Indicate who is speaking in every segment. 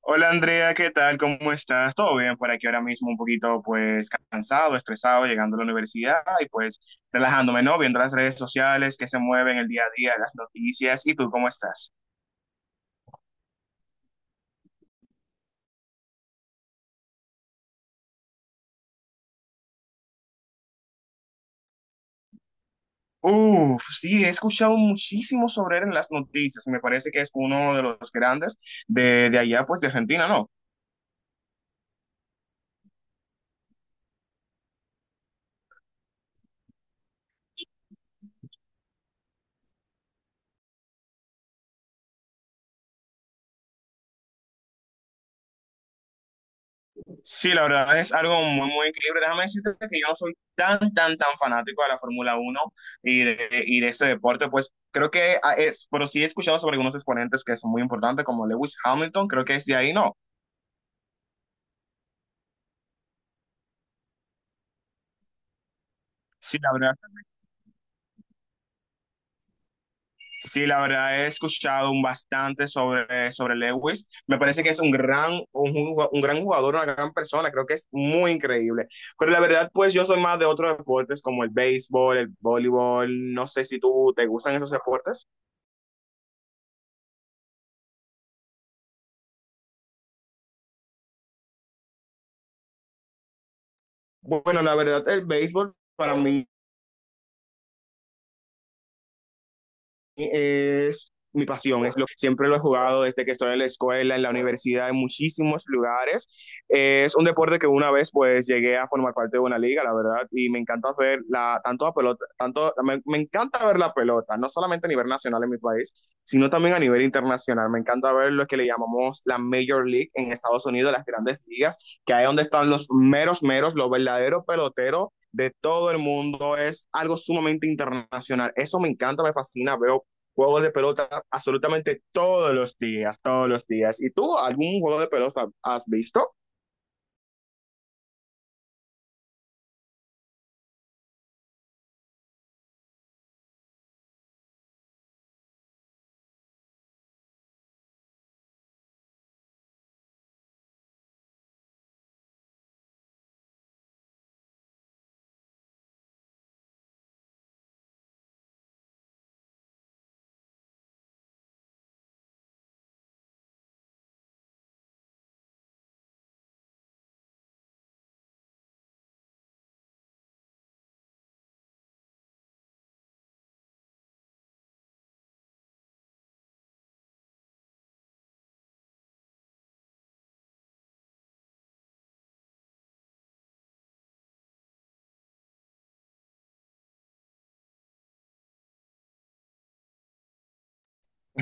Speaker 1: Hola Andrea, ¿qué tal? ¿Cómo estás? ¿Todo bien por aquí ahora mismo? Un poquito pues cansado, estresado, llegando a la universidad y pues relajándome, ¿no? Viendo las redes sociales que se mueven el día a día, las noticias. ¿Y tú cómo estás? Uf, sí, he escuchado muchísimo sobre él en las noticias. Me parece que es uno de los grandes de allá pues de Argentina, ¿no? Sí, la verdad es algo muy, muy increíble. Déjame decirte que yo no soy tan fanático de la Fórmula Uno y de ese deporte. Pues creo que es, pero sí he escuchado sobre algunos exponentes que son muy importantes, como Lewis Hamilton, creo que es de ahí, ¿no? Sí, la verdad, sí, la verdad he escuchado un bastante sobre, sobre Lewis. Me parece que es un gran, un gran jugador, una gran persona. Creo que es muy increíble. Pero la verdad, pues yo soy más de otros deportes como el béisbol, el voleibol. No sé si tú te gustan esos deportes. Bueno, la verdad, el béisbol para mí es mi pasión, es lo que siempre lo he jugado desde que estoy en la escuela, en la universidad, en muchísimos lugares. Es un deporte que una vez pues llegué a formar parte de una liga, la verdad, y me encanta ver la, tanto la pelota, tanto, me encanta ver la pelota, no solamente a nivel nacional en mi país, sino también a nivel internacional. Me encanta ver lo que le llamamos la Major League en Estados Unidos, las grandes ligas, que ahí es donde están los meros, meros, los verdaderos peloteros de todo el mundo, es algo sumamente internacional. Eso me encanta, me fascina, veo juegos de pelota absolutamente todos los días, todos los días. ¿Y tú algún juego de pelota has visto?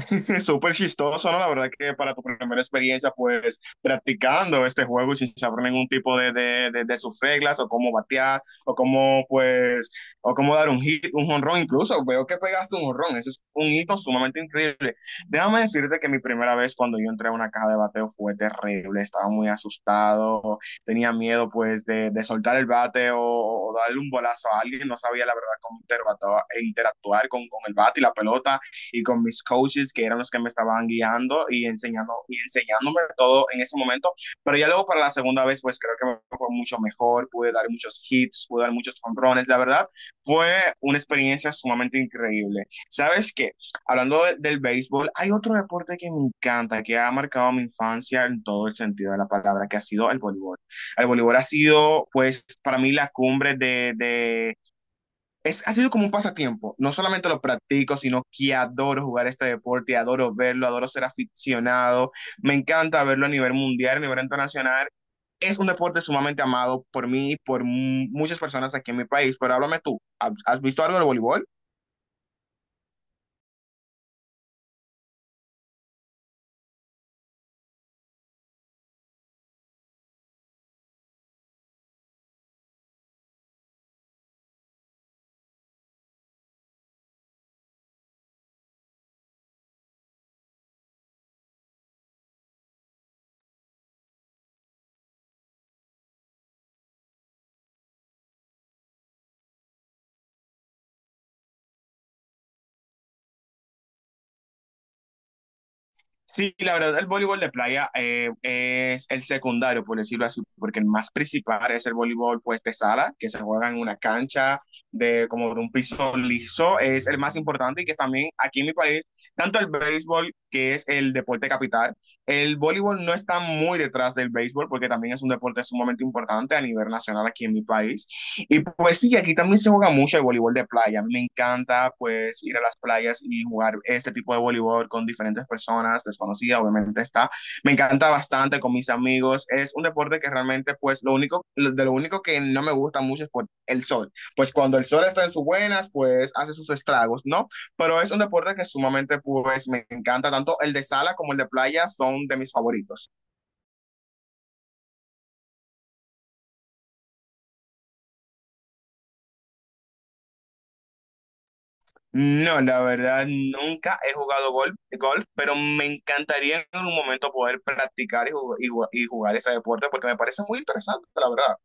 Speaker 1: Súper chistoso, ¿no? La verdad que para tu primera experiencia, pues practicando este juego y sin saber ningún tipo de sus reglas o cómo batear o cómo, pues, o cómo dar un hit, un jonrón, incluso veo que pegaste un jonrón, eso es un hito sumamente increíble. Déjame decirte que mi primera vez cuando yo entré a una caja de bateo fue terrible, estaba muy asustado, tenía miedo, pues, de soltar el bate o darle un bolazo a alguien, no sabía la verdad cómo interactuar, interactuar con el bate y la pelota y con mis coaches que eran los que me estaban guiando y, enseñando, y enseñándome todo en ese momento. Pero ya luego para la segunda vez, pues creo que me fue mucho mejor, pude dar muchos hits, pude dar muchos controles, la verdad, fue una experiencia sumamente increíble. ¿Sabes qué? Hablando de, del béisbol, hay otro deporte que me encanta, que ha marcado mi infancia en todo el sentido de la palabra, que ha sido el voleibol. El voleibol ha sido, pues, para mí la cumbre ha sido como un pasatiempo. No solamente lo practico, sino que adoro jugar este deporte, adoro verlo, adoro ser aficionado. Me encanta verlo a nivel mundial, a nivel internacional. Es un deporte sumamente amado por mí y por muchas personas aquí en mi país. Pero háblame tú, ¿has visto algo del voleibol? Sí, la verdad, el voleibol de playa es el secundario, por decirlo así, porque el más principal es el voleibol pues de sala, que se juega en una cancha de como de un piso liso, es el más importante y que también aquí en mi país, tanto el béisbol, que es el deporte capital, el voleibol no está muy detrás del béisbol porque también es un deporte sumamente importante a nivel nacional aquí en mi país. Y pues sí, aquí también se juega mucho el voleibol de playa. A mí me encanta pues ir a las playas y jugar este tipo de voleibol con diferentes personas, desconocidas, obviamente está. Me encanta bastante con mis amigos. Es un deporte que realmente pues lo único, de lo único que no me gusta mucho es por el sol. Pues cuando el sol está en sus buenas, pues hace sus estragos, ¿no? Pero es un deporte que sumamente pues me encanta. Tanto el de sala como el de playa son de mis favoritos. No, la verdad, nunca he jugado golf, pero me encantaría en algún momento poder practicar y jugar ese deporte porque me parece muy interesante, la verdad.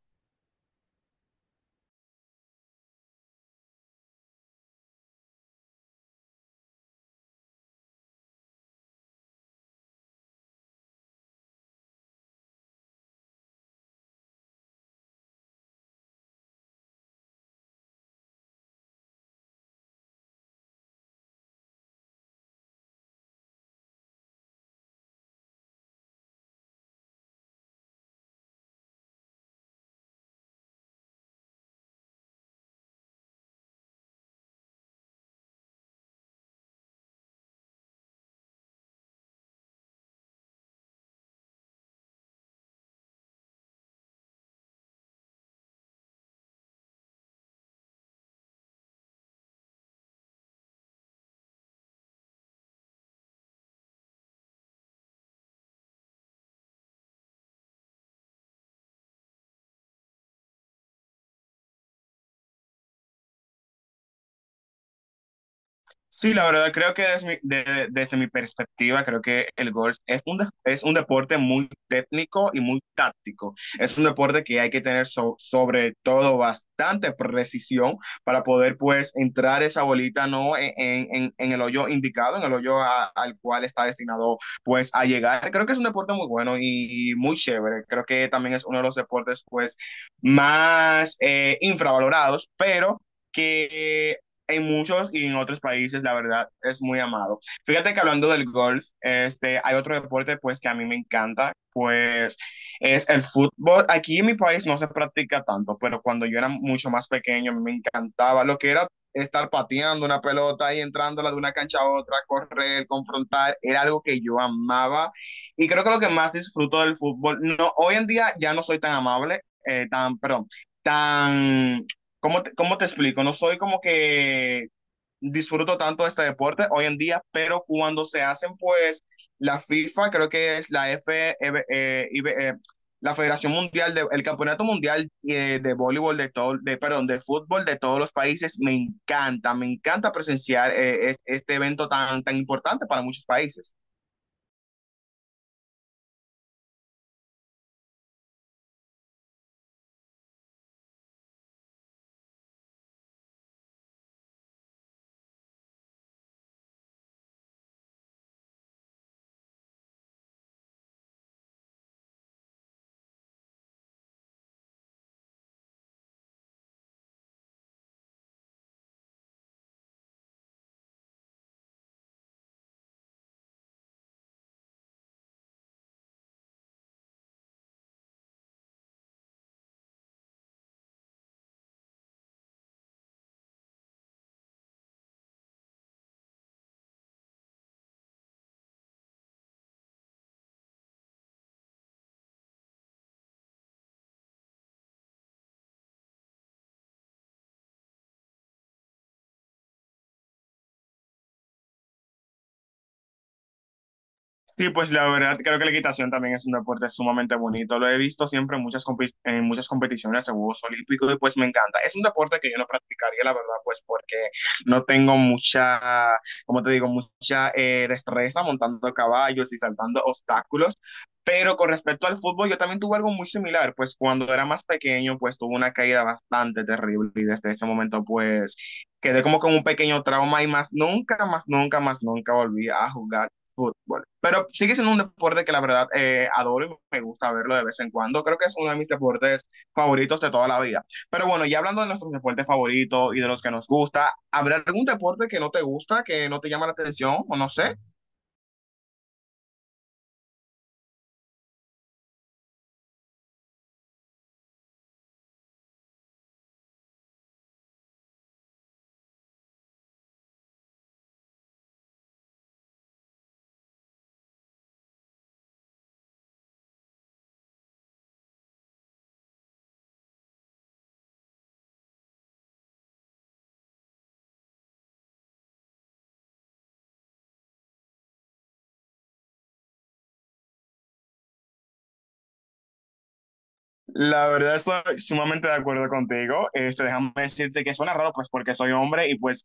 Speaker 1: Sí, la verdad, creo que desde desde mi perspectiva, creo que el golf es es un deporte muy técnico y muy táctico. Es un deporte que hay que tener sobre todo bastante precisión para poder pues entrar esa bolita no en el hoyo indicado, en el hoyo al cual está destinado pues a llegar. Creo que es un deporte muy bueno y muy chévere. Creo que también es uno de los deportes pues más infravalorados, pero que en muchos y en otros países, la verdad, es muy amado. Fíjate que hablando del golf, este, hay otro deporte pues que a mí me encanta, pues es el fútbol. Aquí en mi país no se practica tanto, pero cuando yo era mucho más pequeño me encantaba lo que era estar pateando una pelota y entrándola de una cancha a otra, correr, confrontar, era algo que yo amaba. Y creo que lo que más disfruto del fútbol, no, hoy en día ya no soy tan amable, tan, perdón, tan cómo te explico? No soy como que disfruto tanto de este deporte hoy en día, pero cuando se hacen, pues, la FIFA, creo que es la F, eh, IB, la Federación Mundial, de, el Campeonato Mundial de Voleibol, de todo, de, perdón, de fútbol de todos los países, me encanta presenciar este evento tan, tan importante para muchos países. Sí, pues la verdad creo que la equitación también es un deporte sumamente bonito. Lo he visto siempre en muchas, en muchas competiciones en Juegos Olímpicos y pues me encanta. Es un deporte que yo no practicaría, la verdad, pues porque no tengo mucha, como te digo, mucha destreza montando caballos y saltando obstáculos. Pero con respecto al fútbol, yo también tuve algo muy similar, pues cuando era más pequeño, pues tuve una caída bastante terrible y desde ese momento, pues quedé como con un pequeño trauma y más nunca, más nunca, más nunca volví a jugar fútbol. Pero sigue siendo un deporte que la verdad adoro y me gusta verlo de vez en cuando. Creo que es uno de mis deportes favoritos de toda la vida. Pero bueno, ya hablando de nuestros deportes favoritos y de los que nos gusta, ¿habrá algún deporte que no te gusta, que no te llama la atención o no sé? La verdad estoy sumamente de acuerdo contigo. Este, déjame decirte que suena raro, pues porque soy hombre y pues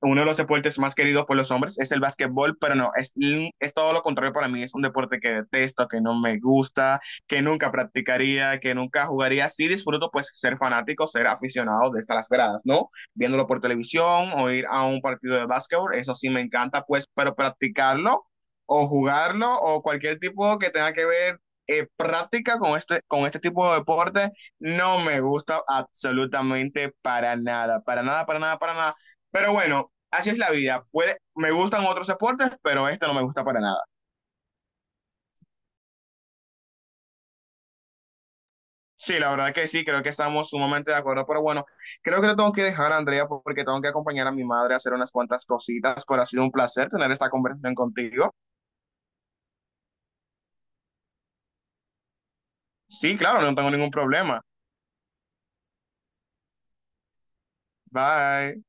Speaker 1: uno de los deportes más queridos por los hombres es el básquetbol, pero no, es todo lo contrario para mí. Es un deporte que detesto, que no me gusta, que nunca practicaría, que nunca jugaría. Sí disfruto pues ser fanático, ser aficionado de las gradas, ¿no? Viéndolo por televisión o ir a un partido de básquetbol, eso sí me encanta pues, pero practicarlo o jugarlo o cualquier tipo que tenga que ver práctica con este tipo de deporte no me gusta absolutamente para nada, para nada, para nada, para nada. Pero bueno, así es la vida. Puede, me gustan otros deportes, pero este no me gusta para nada. Sí, la verdad que sí, creo que estamos sumamente de acuerdo, pero bueno, creo que te tengo que dejar, Andrea, porque tengo que acompañar a mi madre a hacer unas cuantas cositas, pero ha sido un placer tener esta conversación contigo. Sí, claro, no tengo ningún problema. Bye.